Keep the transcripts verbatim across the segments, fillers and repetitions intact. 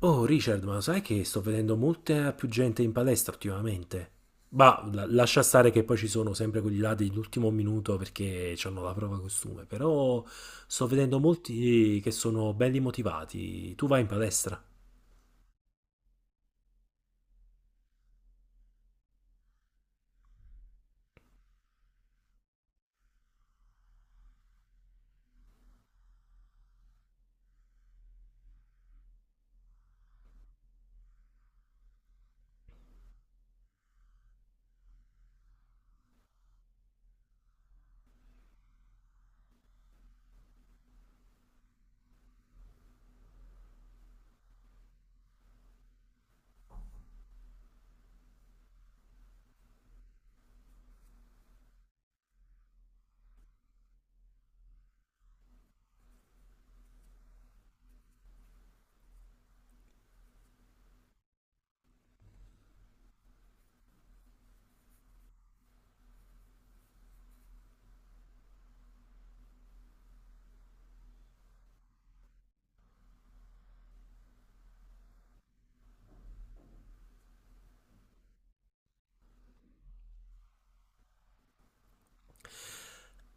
Oh Richard, ma sai che sto vedendo molta più gente in palestra ultimamente? Ma la- lascia stare che poi ci sono sempre quelli là dell'ultimo minuto perché hanno la prova costume, però sto vedendo molti che sono belli motivati. Tu vai in palestra?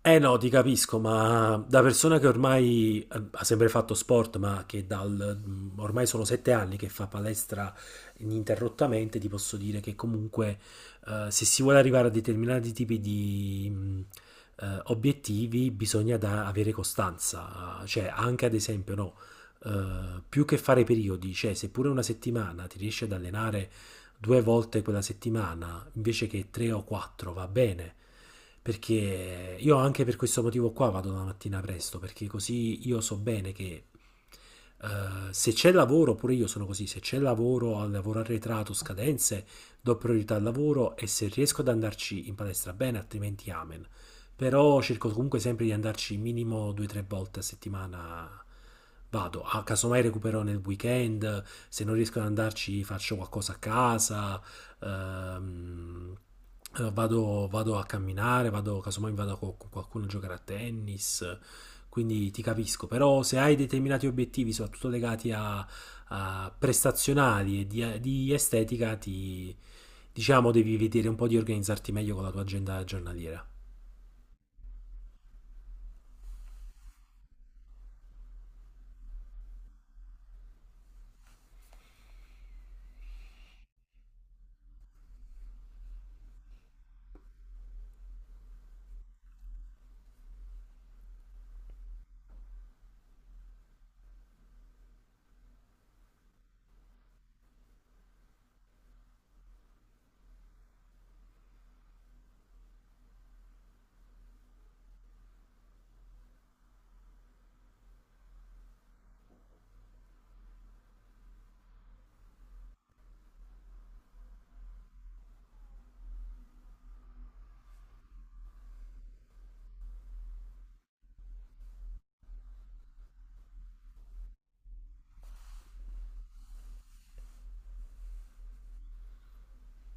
Eh no, ti capisco, ma da persona che ormai eh, ha sempre fatto sport, ma che dal, mm, ormai sono sette anni che fa palestra ininterrottamente, ti posso dire che comunque eh, se si vuole arrivare a determinati tipi di mm, eh, obiettivi bisogna da- avere costanza, cioè anche ad esempio no, eh, più che fare periodi, cioè seppure una settimana ti riesci ad allenare due volte quella settimana invece che tre o quattro va bene. Perché io anche per questo motivo qua vado la mattina presto, perché così io so bene che eh, se c'è lavoro, pure io sono così, se c'è lavoro, al lavoro arretrato, scadenze, do priorità al lavoro e se riesco ad andarci in palestra bene, altrimenti amen. Però cerco comunque sempre di andarci minimo due o tre volte a settimana. Vado, a casomai recupero nel weekend, se non riesco ad andarci faccio qualcosa a casa, ehm, eh, vado, vado a camminare, vado, casomai vado co- con qualcuno a giocare a tennis, quindi ti capisco, però se hai determinati obiettivi, soprattutto legati a, a prestazionali e di, di estetica, ti, diciamo devi vedere un po' di organizzarti meglio con la tua agenda giornaliera.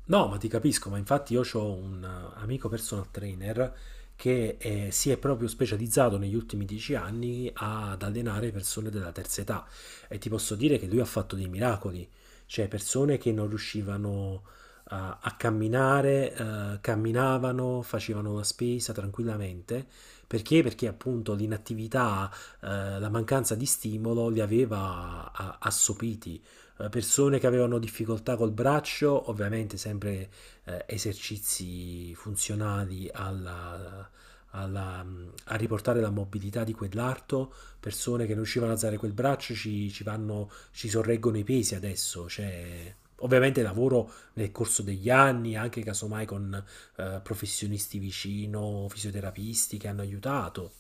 No, ma ti capisco, ma infatti io ho un eh, amico personal trainer che eh, si è proprio specializzato negli ultimi dieci anni ad allenare persone della terza età e ti posso dire che lui ha fatto dei miracoli, cioè persone che non riuscivano eh, a camminare, eh, camminavano, facevano la spesa tranquillamente. Perché? Perché appunto l'inattività, eh, la mancanza di stimolo li aveva a- assopiti. Eh, persone che avevano difficoltà col braccio, ovviamente sempre eh, esercizi funzionali alla, alla, mm, a riportare la mobilità di quell'arto, persone che non riuscivano a alzare quel braccio ci, ci vanno, ci sorreggono i pesi adesso, cioè ovviamente lavoro nel corso degli anni, anche casomai con eh, professionisti vicino, fisioterapisti che hanno aiutato.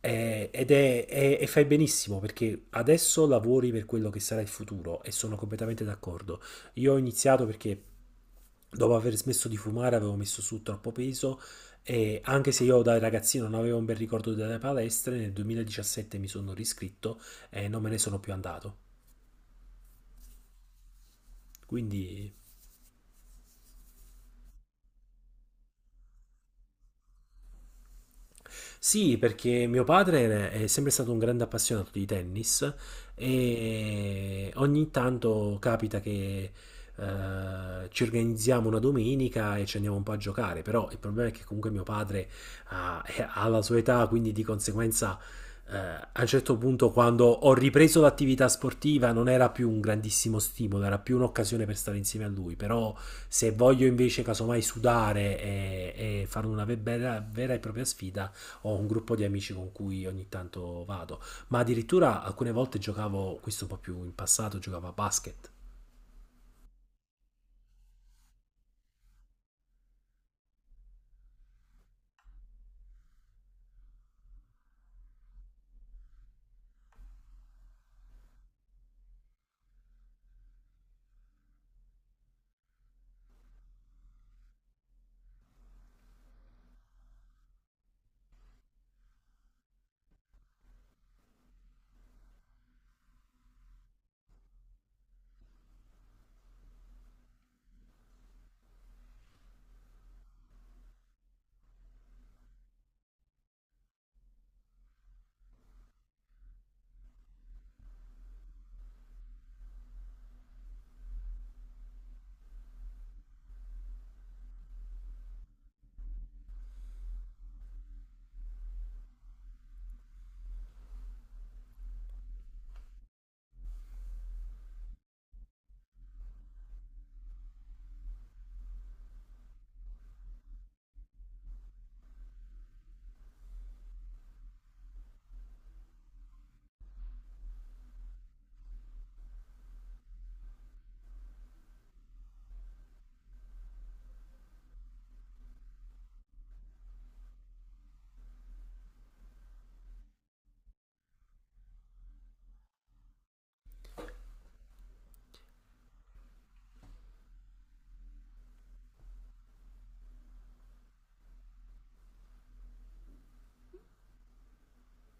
Eh, ed è, è- e fai benissimo perché adesso lavori per quello che sarà il futuro e sono completamente d'accordo. Io ho iniziato perché dopo aver smesso di fumare avevo messo su troppo peso e anche se io da ragazzino non avevo un bel ricordo delle palestre, nel duemiladiciassette mi sono riscritto e non me ne sono più andato. Quindi. Sì, perché mio padre è sempre stato un grande appassionato di tennis e ogni tanto capita che eh, ci organizziamo una domenica e ci andiamo un po' a giocare, però il problema è che comunque mio padre ha, ha la sua età, quindi di conseguenza eh, a un certo punto quando ho ripreso l'attività sportiva non era più un grandissimo stimolo, era più un'occasione per stare insieme a lui, però se voglio invece casomai sudare e, e fare una ve- vera vera e propria sfida, ho un gruppo di amici con cui ogni tanto vado, ma addirittura alcune volte giocavo, questo un po' più in passato, giocavo a basket.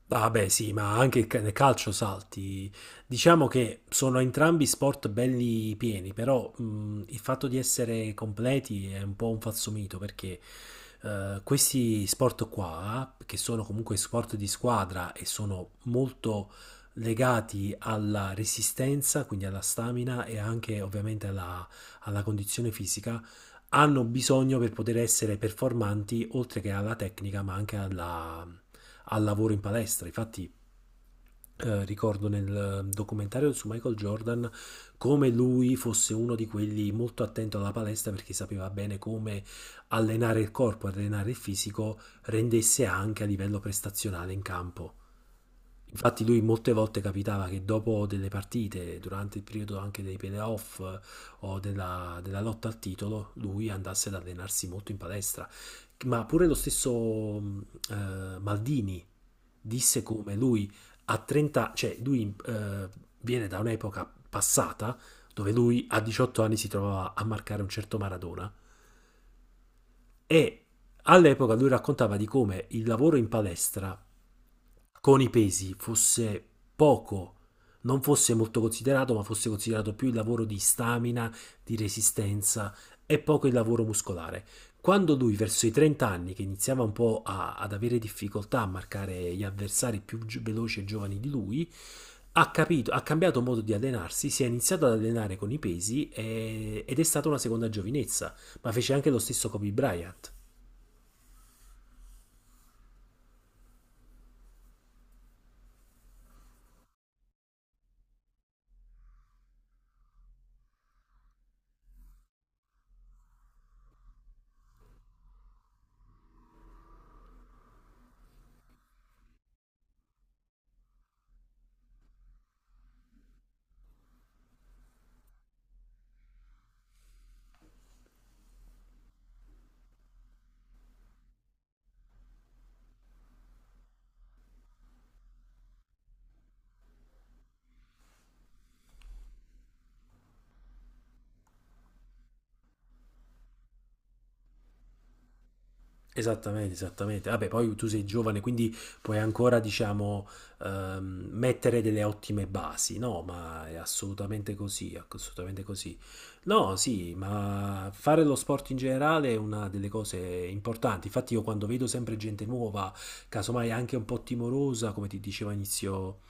Vabbè, sì, ma anche il ca- nel calcio salti. Diciamo che sono entrambi sport belli pieni, però mh, il fatto di essere completi è un po' un falso mito perché eh, questi sport qua, che sono comunque sport di squadra e sono molto legati alla resistenza, quindi alla stamina e anche ovviamente alla, alla condizione fisica, hanno bisogno per poter essere performanti, oltre che alla tecnica, ma anche alla al lavoro in palestra. Infatti, eh, ricordo nel documentario su Michael Jordan come lui fosse uno di quelli molto attento alla palestra perché sapeva bene come allenare il corpo, allenare il fisico, rendesse anche a livello prestazionale in campo. Infatti lui molte volte capitava che dopo delle partite, durante il periodo anche dei playoff eh, o della, della lotta al titolo, lui andasse ad allenarsi molto in palestra. Ma pure lo stesso mh, eh, Maldini disse come lui a trenta, cioè lui eh, viene da un'epoca passata dove lui a diciotto anni si trovava a marcare un certo Maradona e all'epoca lui raccontava di come il lavoro in palestra con i pesi fosse poco, non fosse molto considerato, ma fosse considerato più il lavoro di stamina, di resistenza e poco il lavoro muscolare. Quando lui verso i trenta anni, che iniziava un po' a- ad avere difficoltà a marcare gli avversari più gio- veloci e giovani di lui, ha capito, ha cambiato modo di allenarsi, si è iniziato ad allenare con i pesi e- ed è stata una seconda giovinezza, ma fece anche lo stesso Kobe Bryant. Esattamente, esattamente. Vabbè, poi tu sei giovane, quindi puoi ancora, diciamo, ehm, mettere delle ottime basi, no? Ma è assolutamente così, assolutamente così. No, sì, ma fare lo sport in generale è una delle cose importanti. Infatti io quando vedo sempre gente nuova, casomai anche un po' timorosa, come ti dicevo inizio,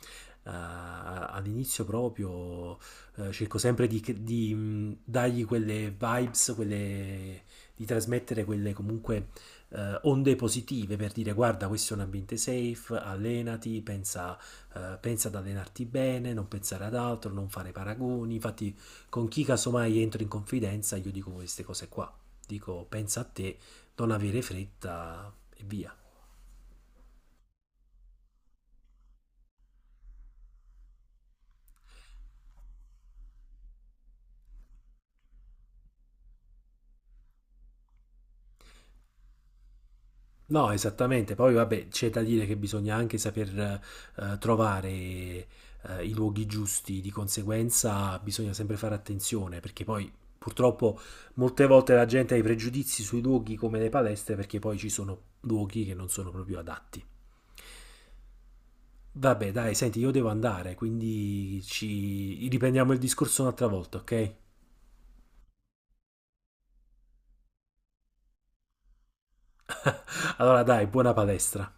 eh, all'inizio proprio, eh, cerco sempre di, di, mh, dargli quelle vibes, quelle, di trasmettere quelle comunque eh, onde positive per dire guarda questo è un ambiente safe, allenati, pensa, eh, pensa ad allenarti bene, non pensare ad altro, non fare paragoni. Infatti con chi casomai entro in confidenza io dico queste cose qua. Dico pensa a te, non avere fretta e via. No, esattamente. Poi, vabbè, c'è da dire che bisogna anche saper eh, trovare eh, i luoghi giusti, di conseguenza bisogna sempre fare attenzione, perché poi purtroppo molte volte la gente ha i pregiudizi sui luoghi come le palestre, perché poi ci sono luoghi che non sono proprio adatti. Vabbè, dai, senti, io devo andare, quindi ci riprendiamo il discorso un'altra volta, ok? Allora, dai, buona palestra.